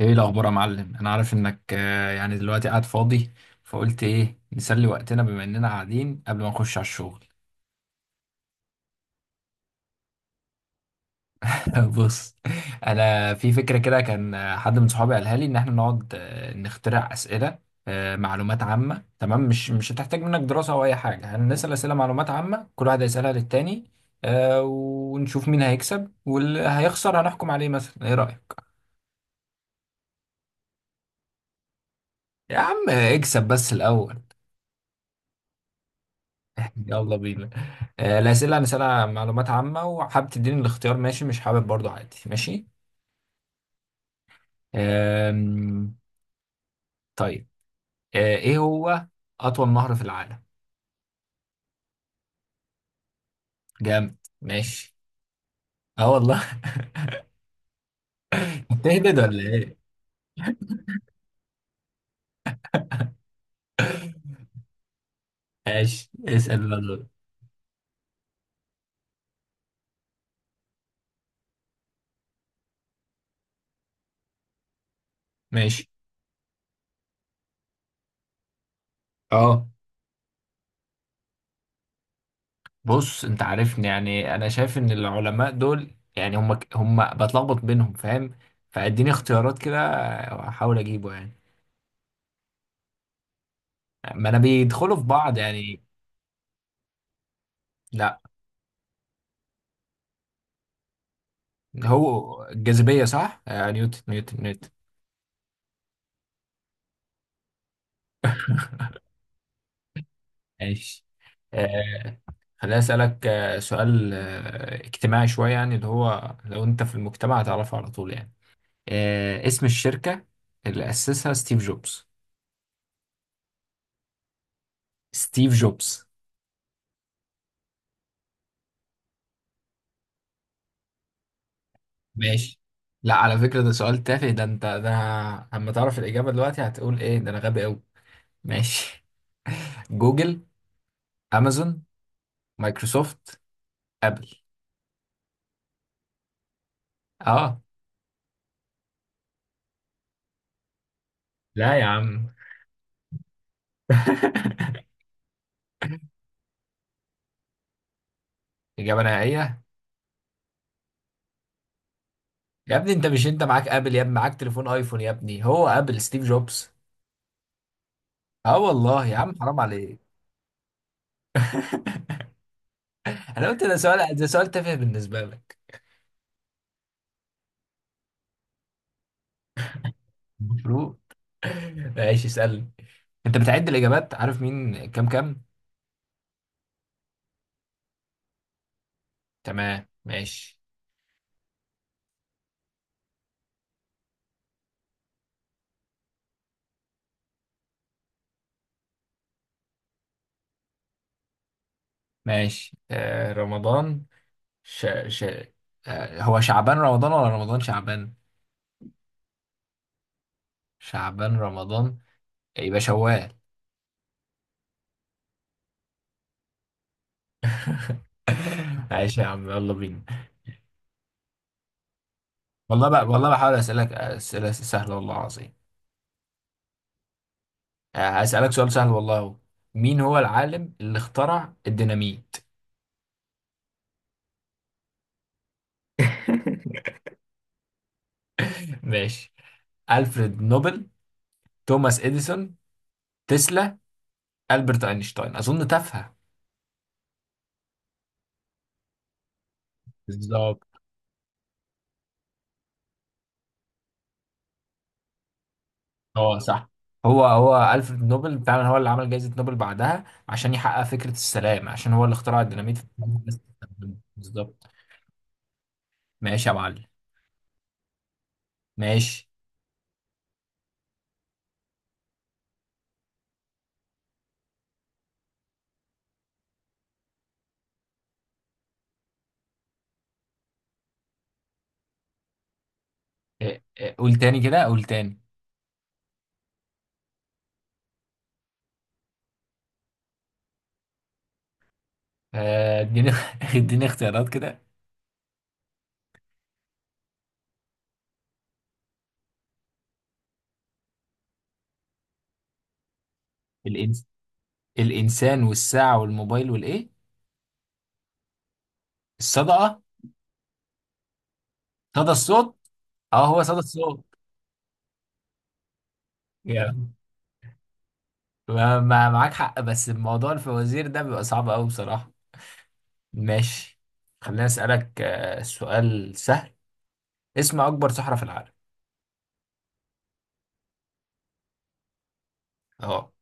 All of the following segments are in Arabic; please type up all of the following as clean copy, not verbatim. ايه الاخبار يا معلم، انا عارف انك يعني دلوقتي قاعد فاضي، فقلت ايه نسلي وقتنا بما اننا قاعدين قبل ما نخش على الشغل. بص، انا في فكره كده، كان حد من صحابي قالها لي ان احنا نقعد نخترع اسئله معلومات عامه. تمام، مش هتحتاج منك دراسه او اي حاجه، هنسال اسئله معلومات عامه، كل واحد هيسالها للتاني ونشوف مين هيكسب واللي هيخسر هنحكم عليه، مثلا ايه رايك؟ يا عم اكسب بس الاول. يلا بينا. الأسئلة أنا سألها معلومات عامة، وحابب تديني الاختيار ماشي، مش حابب برضو عادي ماشي. آم، طيب، إيه هو أطول نهر في العالم؟ جامد ماشي. أه والله. بتهبد ولا إيه؟ ماشي اسأل بقى دول. ماشي. أه. بص، أنت عارفني يعني، أنا شايف إن العلماء دول يعني هم بتلخبط بينهم، فاهم؟ فاديني اختيارات كده، أحاول أجيبه يعني. ما أنا بيدخلوا في بعض يعني. لا. هو الجاذبية صح؟ آه نيوتن نيوتن نيوتن. ماشي. آه خليني أسألك سؤال اجتماعي شوية، يعني اللي هو لو أنت في المجتمع هتعرفه على طول يعني، اسم الشركة اللي أسسها ستيف جوبز. ستيف جوبز. ماشي. لا على فكرة ده سؤال تافه، ده أنت ده أما تعرف الإجابة دلوقتي هتقول إيه، ده أنا غبي أوي. ماشي. جوجل، أمازون، مايكروسوفت، أبل. أه. لا يا عم. إجابة نهائية. يا ابني، انت مش، انت معاك ابل يا ابني، معاك تليفون ايفون يا ابني، هو ابل ستيف جوبز. اه والله يا عم حرام عليك. انا قلت ده سؤال، ده سؤال تافه بالنسبه لك. المفروض. ماشي اسالني. انت بتعد الاجابات، عارف مين كام كام. تمام ماشي. ماشي آه رمضان، ش... ش... آه هو شعبان رمضان ولا رمضان شعبان؟ شعبان رمضان، يبقى شوال. ماشي يا عم يلا بينا. والله بقى، والله بحاول اسالك اسئله سهله والله العظيم. هسالك سؤال سهل والله هو. مين هو العالم اللي اخترع الديناميت؟ ماشي. ألفريد نوبل، توماس إديسون، تسلا، ألبرت أينشتاين أظن تافهة. بالظبط. اه صح. هو هو ألفريد نوبل فعلا، هو اللي عمل جائزة نوبل بعدها عشان يحقق فكرة السلام، عشان هو اللي اخترع الديناميت. في الناس تستخدمه. بالظبط. ماشي يا معلم. ماشي. إيه، إيه، قول تاني كده، قول تاني. اديني اديني اختيارات كده. الإنس... الإنسان والساعة والموبايل والإيه؟ الصدقة. صدى الصوت. اه هو صدى الصوت. يعني، معاك حق، بس الموضوع الفوازير ده بيبقى صعب قوي بصراحة. ماشي. خليني أسألك سؤال سهل، اسم أكبر صحراء في العالم. اه.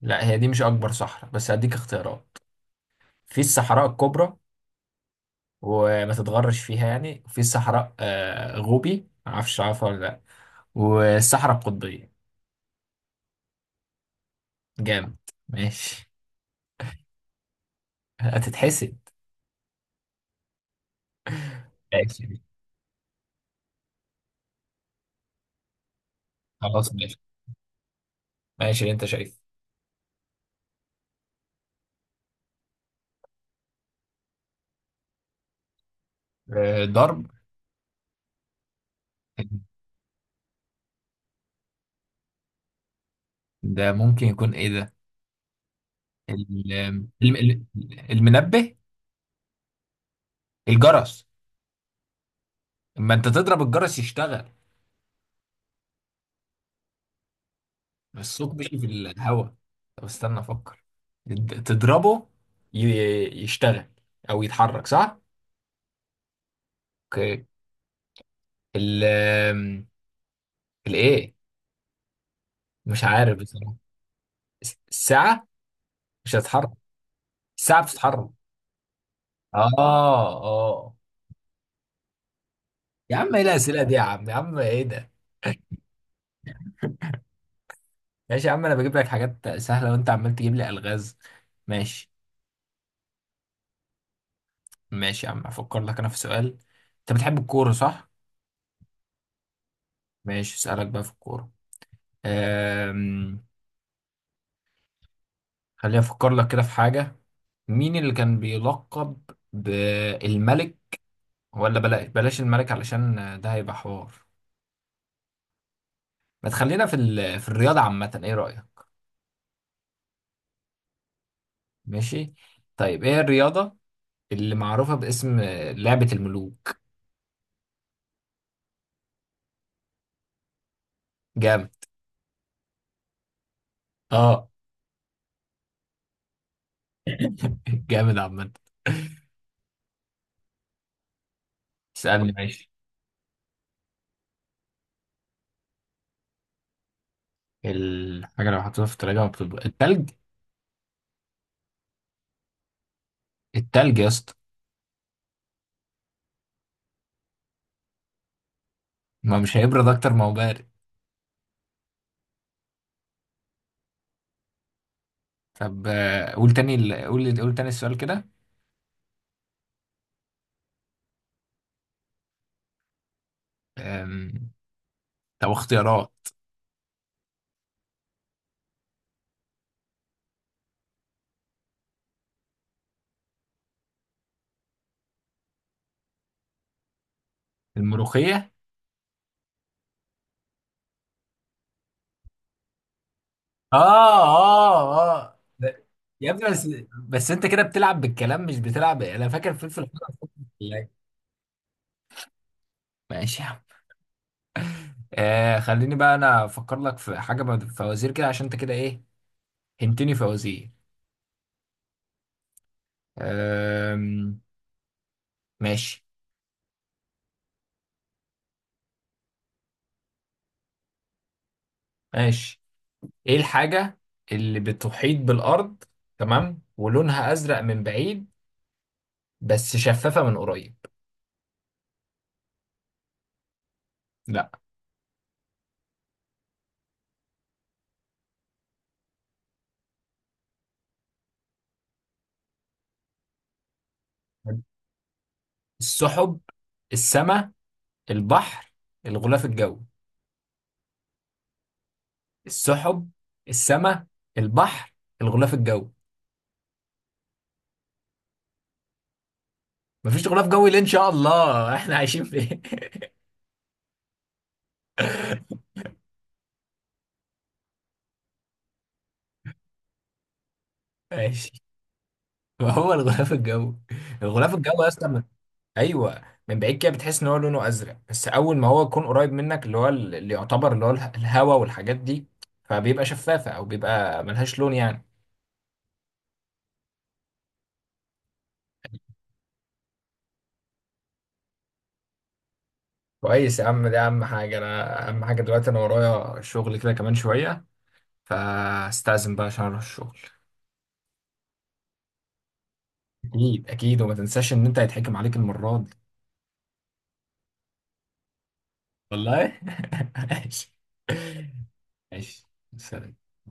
لا هي دي مش أكبر صحراء، بس هديك اختيارات، في الصحراء الكبرى، وما تتغرش فيها يعني، في الصحراء غوبي معرفش عارفها ولا لا، والصحراء القطبية. جامد ماشي. هتتحسد. ماشي دي. خلاص ماشي. ماشي اللي انت شايفه. ضرب. ده ممكن يكون ايه ده؟ ال- الم- ال- المنبه. الجرس. اما انت تضرب الجرس يشتغل. بس الصوت مشي في الهواء. طب استنى افكر. تضربه، يشتغل او يتحرك صح؟ اوكي. ال الايه مش عارف بصراحة. الساعة مش هتتحرك. الساعة بتتحرك. اه. اه. يا عم ايه الاسئله دي يا عم، يا عم ايه ده؟ ماشي يا عم، انا بجيب لك حاجات سهله وانت عمال تجيب لي الغاز. ماشي. ماشي يا عم افكر لك، انا في سؤال. انت بتحب الكوره صح؟ ماشي اسالك بقى في الكوره. أم... خليني افكر لك كده في حاجه. مين اللي كان بيلقب بالملك؟ ولا بلاش بلاش الملك علشان ده هيبقى حوار. ما تخلينا في في الرياضه عامه، ايه رايك؟ ماشي. طيب ايه الرياضه اللي معروفه باسم لعبه الملوك؟ جامد. اه. جامد عامة. اسألني ماشي. الحاجة لو حطيتها في التلاجة ما بتبرد التلج؟ التلج يا اسطى. ما مش هيبرد أكتر ما هو بارد. طب قول تاني، قول تاني السؤال كده. أم، طب اختيارات. الملوخية. آه آه آه ده- يا ابني بس. بس أنت كده بتلعب بالكلام مش بتلعب، أنا فاكر فلفل أحمر في الأكل. ماشي يا عم. خليني بقى أنا أفكر لك في حاجة، فوازير كده عشان أنت كده إيه، هنتني فوازير. آم، ماشي. ماشي. ايه الحاجة اللي بتحيط بالأرض تمام، ولونها أزرق من بعيد، بس شفافة من قريب؟ لا. السحب، السماء، البحر، الغلاف الجوي. السحب، السماء، البحر، الغلاف الجوي. مفيش غلاف جوي ليه؟ إن شاء الله. احنا عايشين فين؟ ماشي. ما هو الغلاف الجوي، الغلاف الجوي اصلا. ايوه. من بعيد كده بتحس ان هو لونه ازرق، بس اول ما هو يكون قريب منك، اللي هو اللي يعتبر، اللي هو الهوا والحاجات دي، فبيبقى شفافه او بيبقى ملهاش لون يعني. كويس يا عم، دي اهم حاجه، انا اهم حاجه دلوقتي انا ورايا شغل كده كمان شويه، فاستأذن بقى عشان اروح الشغل. اكيد اكيد، وما تنساش ان انت هيتحكم عليك المره دي. والله. ماشي. ماشي. سلام.